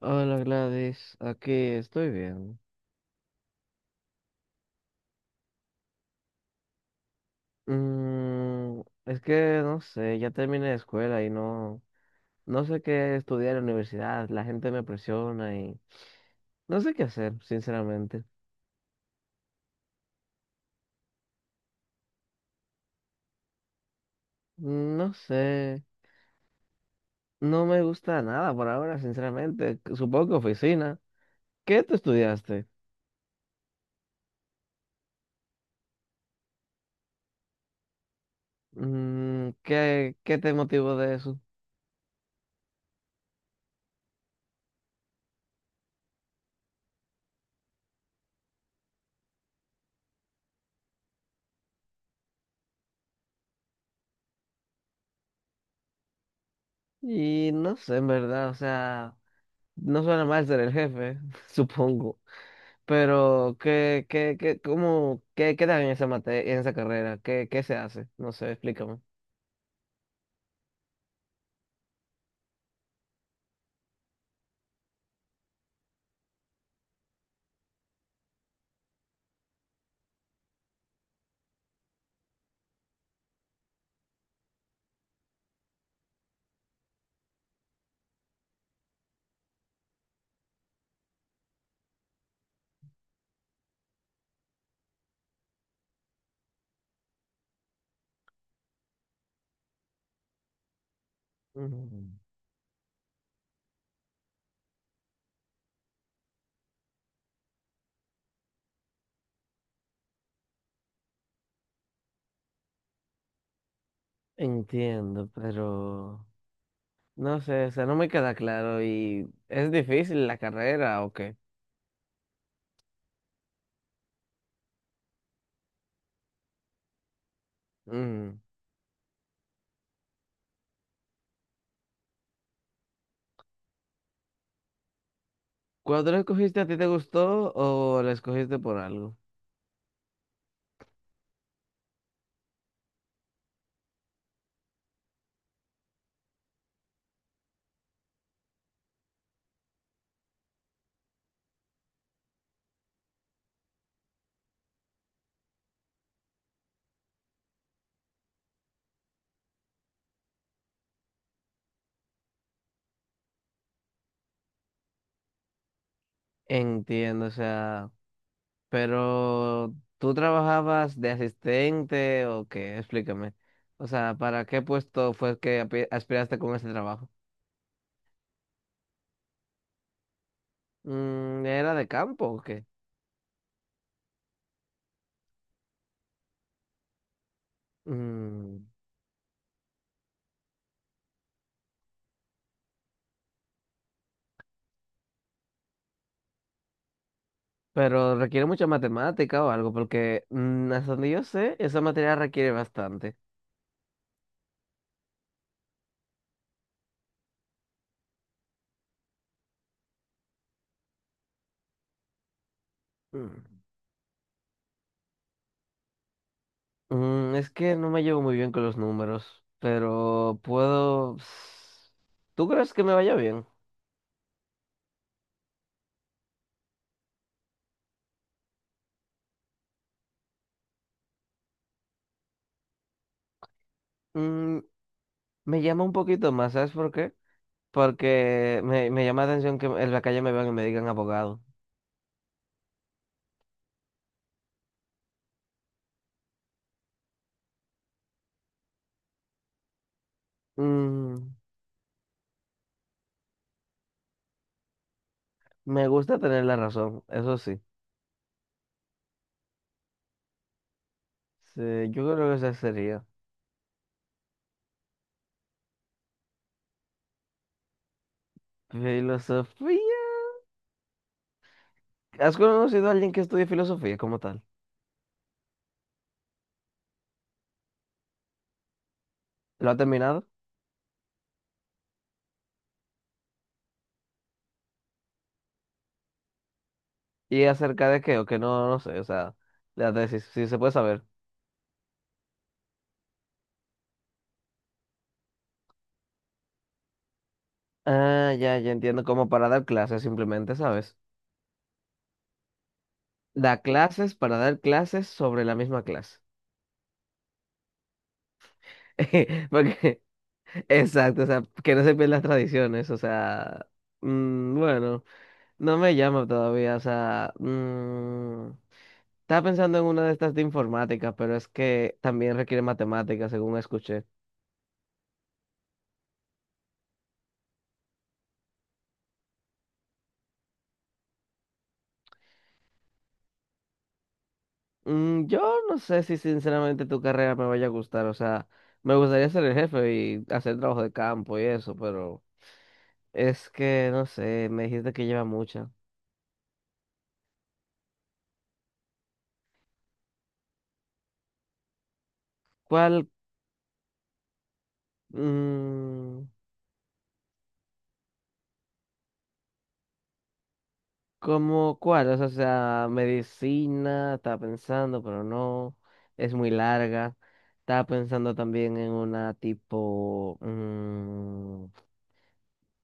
Hola Gladys, aquí estoy bien. Mm, es que no sé, ya terminé de escuela y no sé qué estudiar en la universidad, la gente me presiona y no sé qué hacer, sinceramente. No sé, no me gusta nada por ahora, sinceramente. Supongo que oficina. ¿Qué tú estudiaste? ¿Qué te motivó de eso? Y no sé, en verdad, o sea, no suena mal ser el jefe, supongo. Pero, ¿cómo, qué dan en en esa carrera? ¿Qué se hace? No sé, explícame. Mm, Entiendo, pero no sé, o sea, no me queda claro y ¿es difícil la carrera o qué? Mm. ¿Cuándo la escogiste a ti te gustó o la escogiste por algo? Entiendo, o sea, pero ¿tú trabajabas de asistente o qué? Explícame. O sea, ¿para qué puesto fue que aspiraste con ese trabajo? ¿Era de campo o qué? Mm, pero requiere mucha matemática o algo, porque hasta donde yo sé, esa materia requiere bastante. Mm. Es que no me llevo muy bien con los números, pero puedo. ¿Tú crees que me vaya bien? Mm, Me llama un poquito más, ¿sabes por qué? Porque me llama la atención que en la calle me vean y me digan abogado. Mm, Me gusta tener la razón, eso sí. Sí, yo creo que esa sería. Filosofía. ¿Has conocido a alguien que estudie filosofía como tal? ¿Lo ha terminado? ¿Y acerca de qué? O que no sé, o sea, la tesis, si se puede saber. Ah, ya, ya entiendo, como para dar clases simplemente, ¿sabes? Da clases para dar clases sobre la misma clase. Porque, exacto, o sea, que no se pierdan las tradiciones, o sea, bueno, no me llama todavía, o sea, estaba pensando en una de estas de informática, pero es que también requiere matemáticas, según escuché. Yo no sé si sinceramente tu carrera me vaya a gustar, o sea, me gustaría ser el jefe y hacer trabajo de campo y eso, pero es que no sé, me dijiste que lleva mucha. ¿Cuál? Mm, ¿cómo cuál? O sea, medicina, estaba pensando, pero no, es muy larga. Estaba pensando también en una tipo, mm,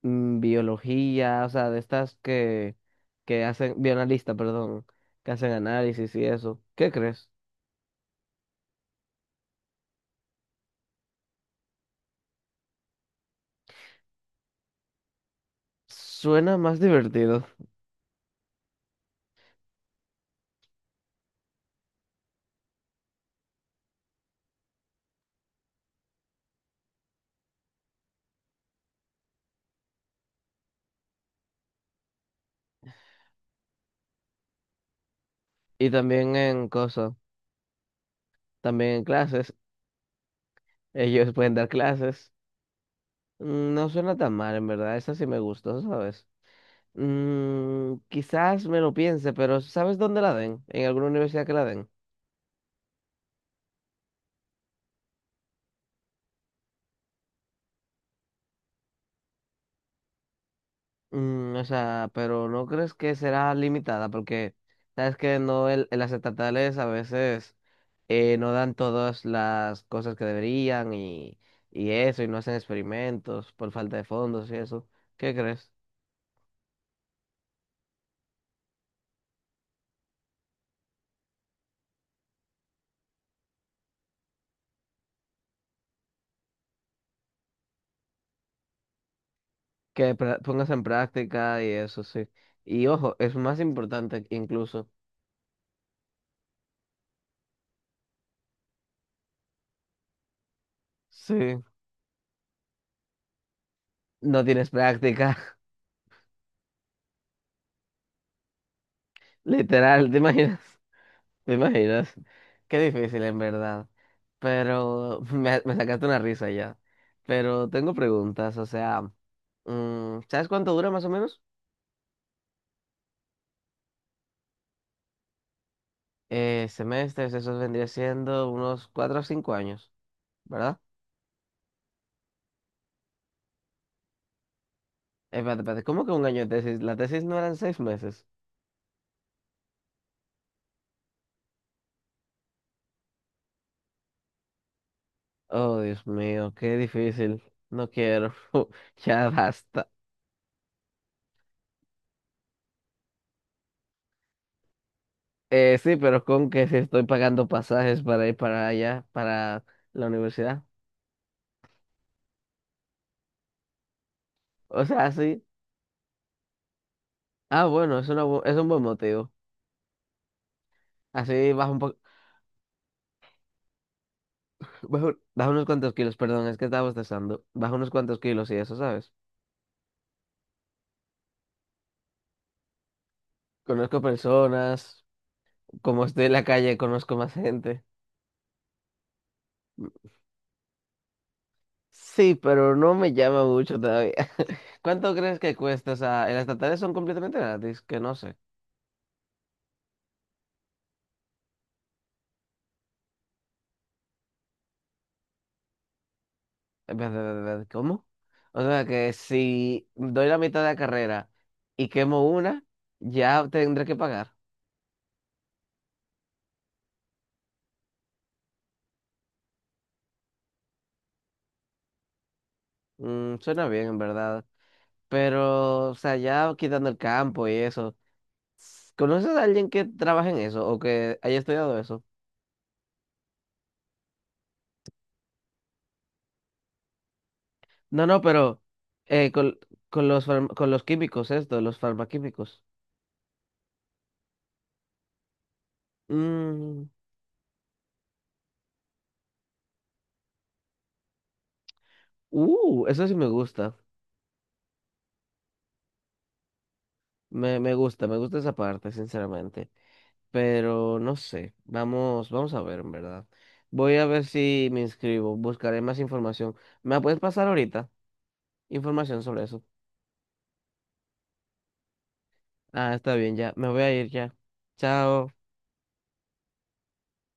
mm, biología, o sea, de estas que hacen, bioanalista, perdón, que hacen análisis y eso. ¿Qué crees? Suena más divertido. Y también en cosas, también en clases, ellos pueden dar clases. No suena tan mal, en verdad, esa sí me gustó, ¿sabes? Quizás me lo piense, pero ¿sabes dónde la den? ¿En alguna universidad que la den? O sea, pero ¿no crees que será limitada? Porque sabes que no el, en las estatales a veces no dan todas las cosas que deberían y eso, y no hacen experimentos por falta de fondos y eso. ¿Qué crees? Que pongas en práctica y eso, sí. Y ojo, es más importante incluso. Sí. No tienes práctica, literal, ¿te imaginas? ¿Te imaginas? Qué difícil, en verdad. Pero me sacaste una risa ya. Pero tengo preguntas, o sea, ¿sabes cuánto dura más o menos? Semestres, eso vendría siendo unos 4 o 5 años, ¿verdad? Espérate, espérate, ¿cómo que un año de tesis? ¿La tesis no eran 6 meses? Oh, Dios mío, qué difícil. No quiero. Ya basta. Sí, pero con que si estoy pagando pasajes para ir para allá, para la universidad. O sea, sí. Ah, bueno, es un buen motivo. Así baja un poco, baja unos cuantos kilos, perdón, es que estaba bostezando. Baja unos cuantos kilos y eso, ¿sabes? Conozco personas, como estoy en la calle, conozco más gente. Sí, pero no me llama mucho todavía. ¿Cuánto crees que cuesta? O sea, en las estatales son completamente gratis, que no sé. ¿Cómo? O sea, que si doy la mitad de la carrera y quemo una, ya tendré que pagar. Suena bien, en verdad. Pero, o sea, ya quitando el campo y eso. ¿Conoces a alguien que trabaje en eso o que haya estudiado eso? No, no, pero eh, con, con los químicos, esto, los farmaquímicos. Mm, Eso sí me gusta. Me gusta esa parte, sinceramente. Pero no sé. Vamos, vamos a ver, en verdad. Voy a ver si me inscribo. Buscaré más información. ¿Me la puedes pasar ahorita? Información sobre eso. Ah, está bien, ya. Me voy a ir ya. Chao.